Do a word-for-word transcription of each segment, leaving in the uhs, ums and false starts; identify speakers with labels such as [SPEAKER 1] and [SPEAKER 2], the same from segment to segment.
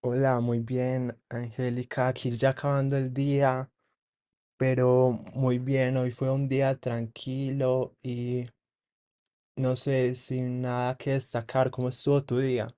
[SPEAKER 1] Hola, muy bien, Angélica. Aquí ya acabando el día, pero muy bien. Hoy fue un día tranquilo y no sé, sin nada que destacar. ¿Cómo estuvo tu día?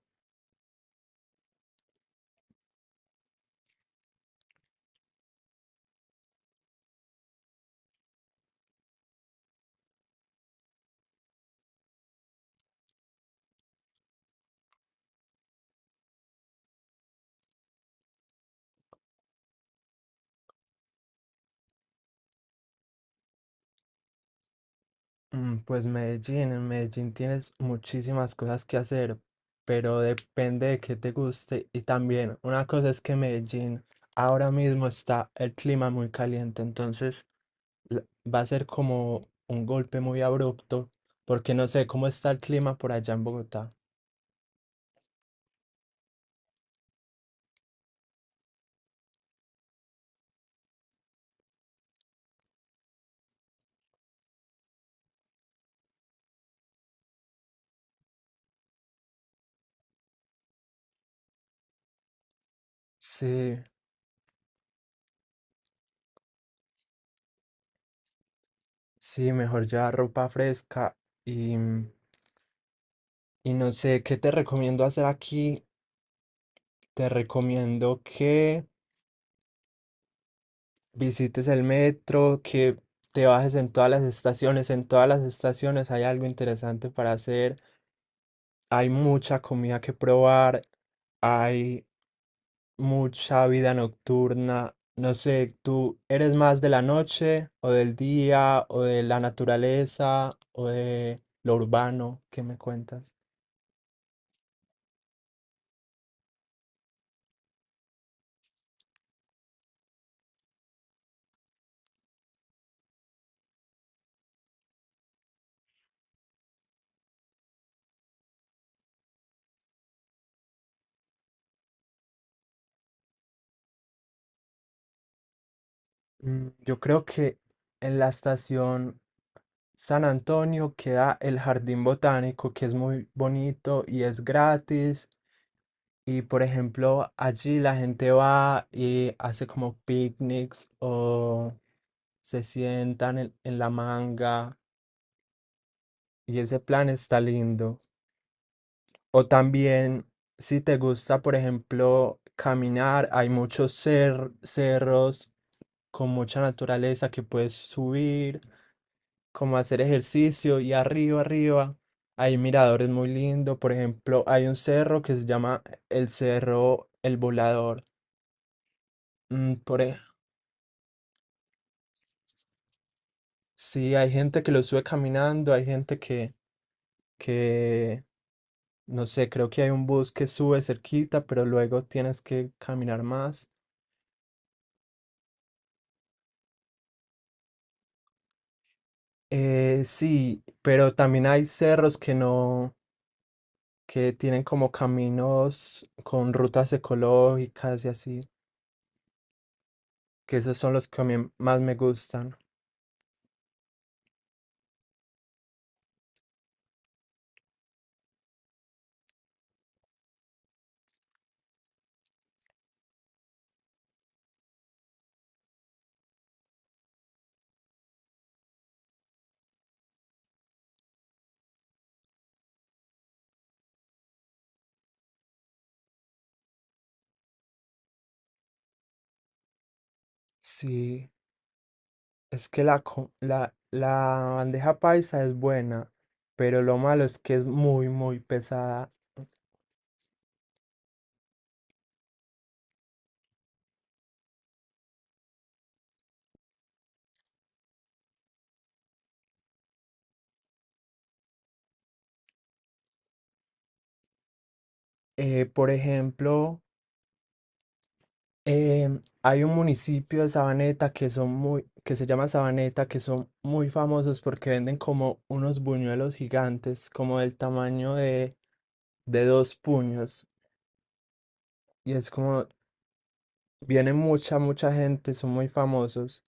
[SPEAKER 1] Mm, Pues Medellín, en Medellín tienes muchísimas cosas que hacer, pero depende de qué te guste. Y también, una cosa es que Medellín ahora mismo está el clima muy caliente, entonces la- va a ser como un golpe muy abrupto, porque no sé cómo está el clima por allá en Bogotá. Sí, sí, mejor llevar ropa fresca y, y no sé, ¿qué te recomiendo hacer aquí? Te recomiendo que visites el metro, que te bajes en todas las estaciones. En todas las estaciones hay algo interesante para hacer. Hay mucha comida que probar. Hay mucha vida nocturna. No sé, ¿tú eres más de la noche o del día o de la naturaleza o de lo urbano? ¿Qué me cuentas? Mm, Yo creo que en la estación San Antonio queda el jardín botánico que es muy bonito y es gratis. Y por ejemplo, allí la gente va y hace como picnics o se sientan en, en la manga y ese plan está lindo. O también, si te gusta, por ejemplo, caminar, hay muchos cer- cerros con mucha naturaleza que puedes subir, como hacer ejercicio y arriba, arriba hay miradores muy lindos. Por ejemplo, hay un cerro que se llama el Cerro El Volador. Mm, por ej- sí, hay gente que lo sube caminando, hay gente que, que, no sé, creo que hay un bus que sube cerquita, pero luego tienes que caminar más. Eh, sí, pero también hay cerros que no, que tienen como caminos con rutas ecológicas y así, que esos son los que a mí más me gustan. Sí, es que la, co- la, la bandeja paisa es buena, pero lo malo es que es muy, muy pesada. Eh, por ejemplo, em, hay un municipio de Sabaneta que son muy, que se llama Sabaneta, que son muy famosos porque venden como unos buñuelos gigantes, como del tamaño de, de dos puños. Y es como viene mucha, mucha gente, son muy famosos.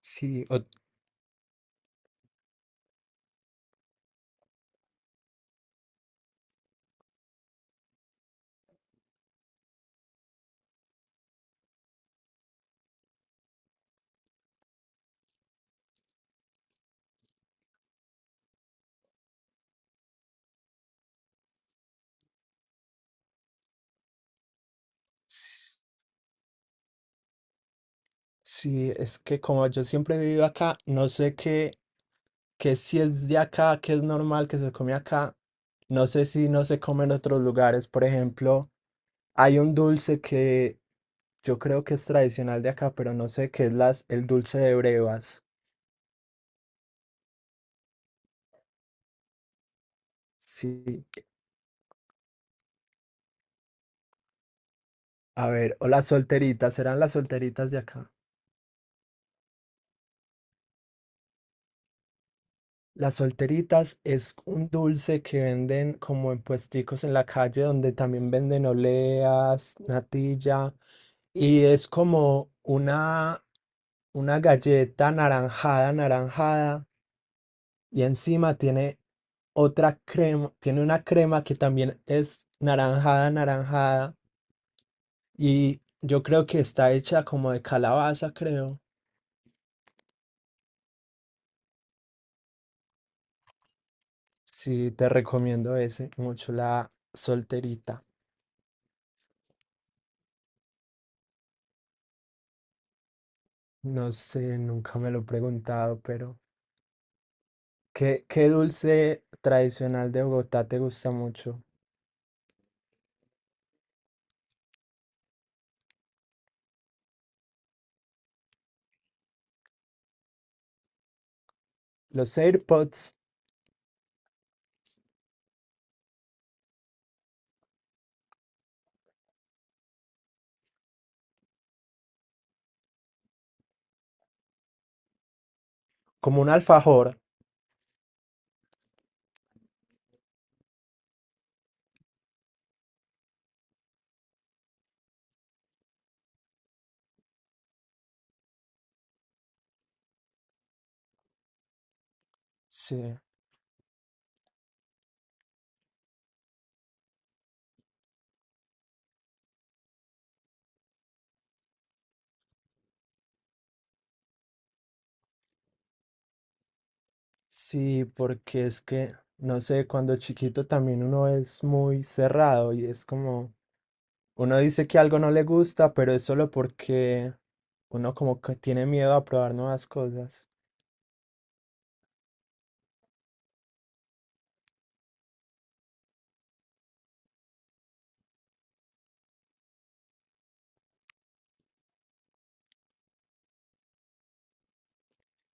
[SPEAKER 1] Sí, o- sí, es que como yo siempre he vivido acá, no sé qué, qué si es de acá, qué es normal que se come acá. No sé si no se come en otros lugares. Por ejemplo, hay un dulce que yo creo que es tradicional de acá, pero no sé qué es las, el dulce de brevas. Sí, a ver, o las solteritas, ¿serán las solteritas de acá? Las solteritas es un dulce que venden como en puesticos en la calle donde también venden oleas, natilla y es como una, una galleta naranjada, naranjada y encima tiene otra crema, tiene una crema que también es naranjada, naranjada y yo creo que está hecha como de calabaza, creo. Sí, te recomiendo ese, mucho la solterita. No sé, nunca me lo he preguntado, pero ¿qué, ¿qué dulce tradicional de Bogotá te gusta mucho? Los AirPods. Como un alfajor. Sí, sí, porque es que, no sé, cuando chiquito también uno es muy cerrado y es como, uno dice que algo no le gusta, pero es solo porque uno como que tiene miedo a probar nuevas cosas.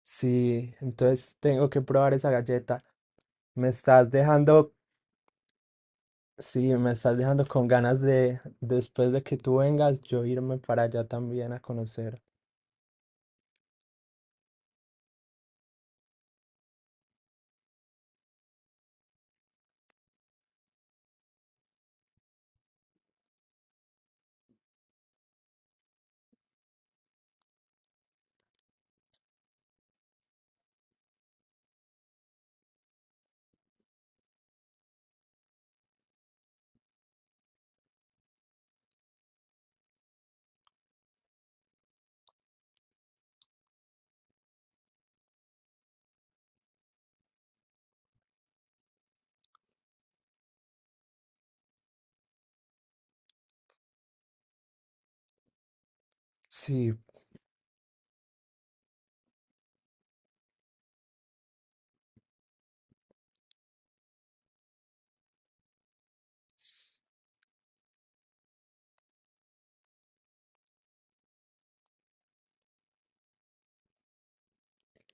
[SPEAKER 1] Sí, entonces tengo que probar esa galleta. Me estás dejando. Sí, me estás dejando con ganas de, después de que tú vengas, yo irme para allá también a conocer. Sí,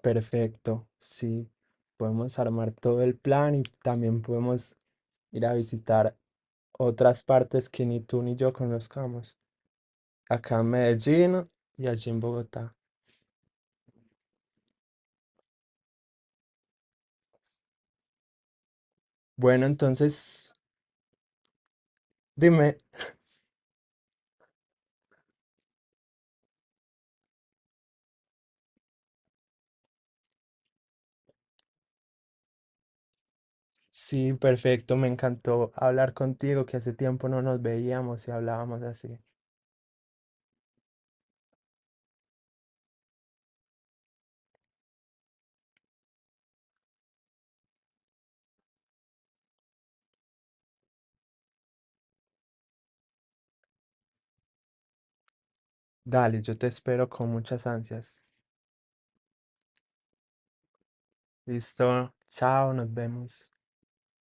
[SPEAKER 1] perfecto. Sí, podemos armar todo el plan y también podemos ir a visitar otras partes que ni tú ni yo conozcamos. Acá en Medellín y allí en Bogotá. Bueno, entonces, dime. Sí, perfecto, me encantó hablar contigo, que hace tiempo no nos veíamos y hablábamos así. Dale, yo te espero con muchas ansias. Listo, chao, nos vemos.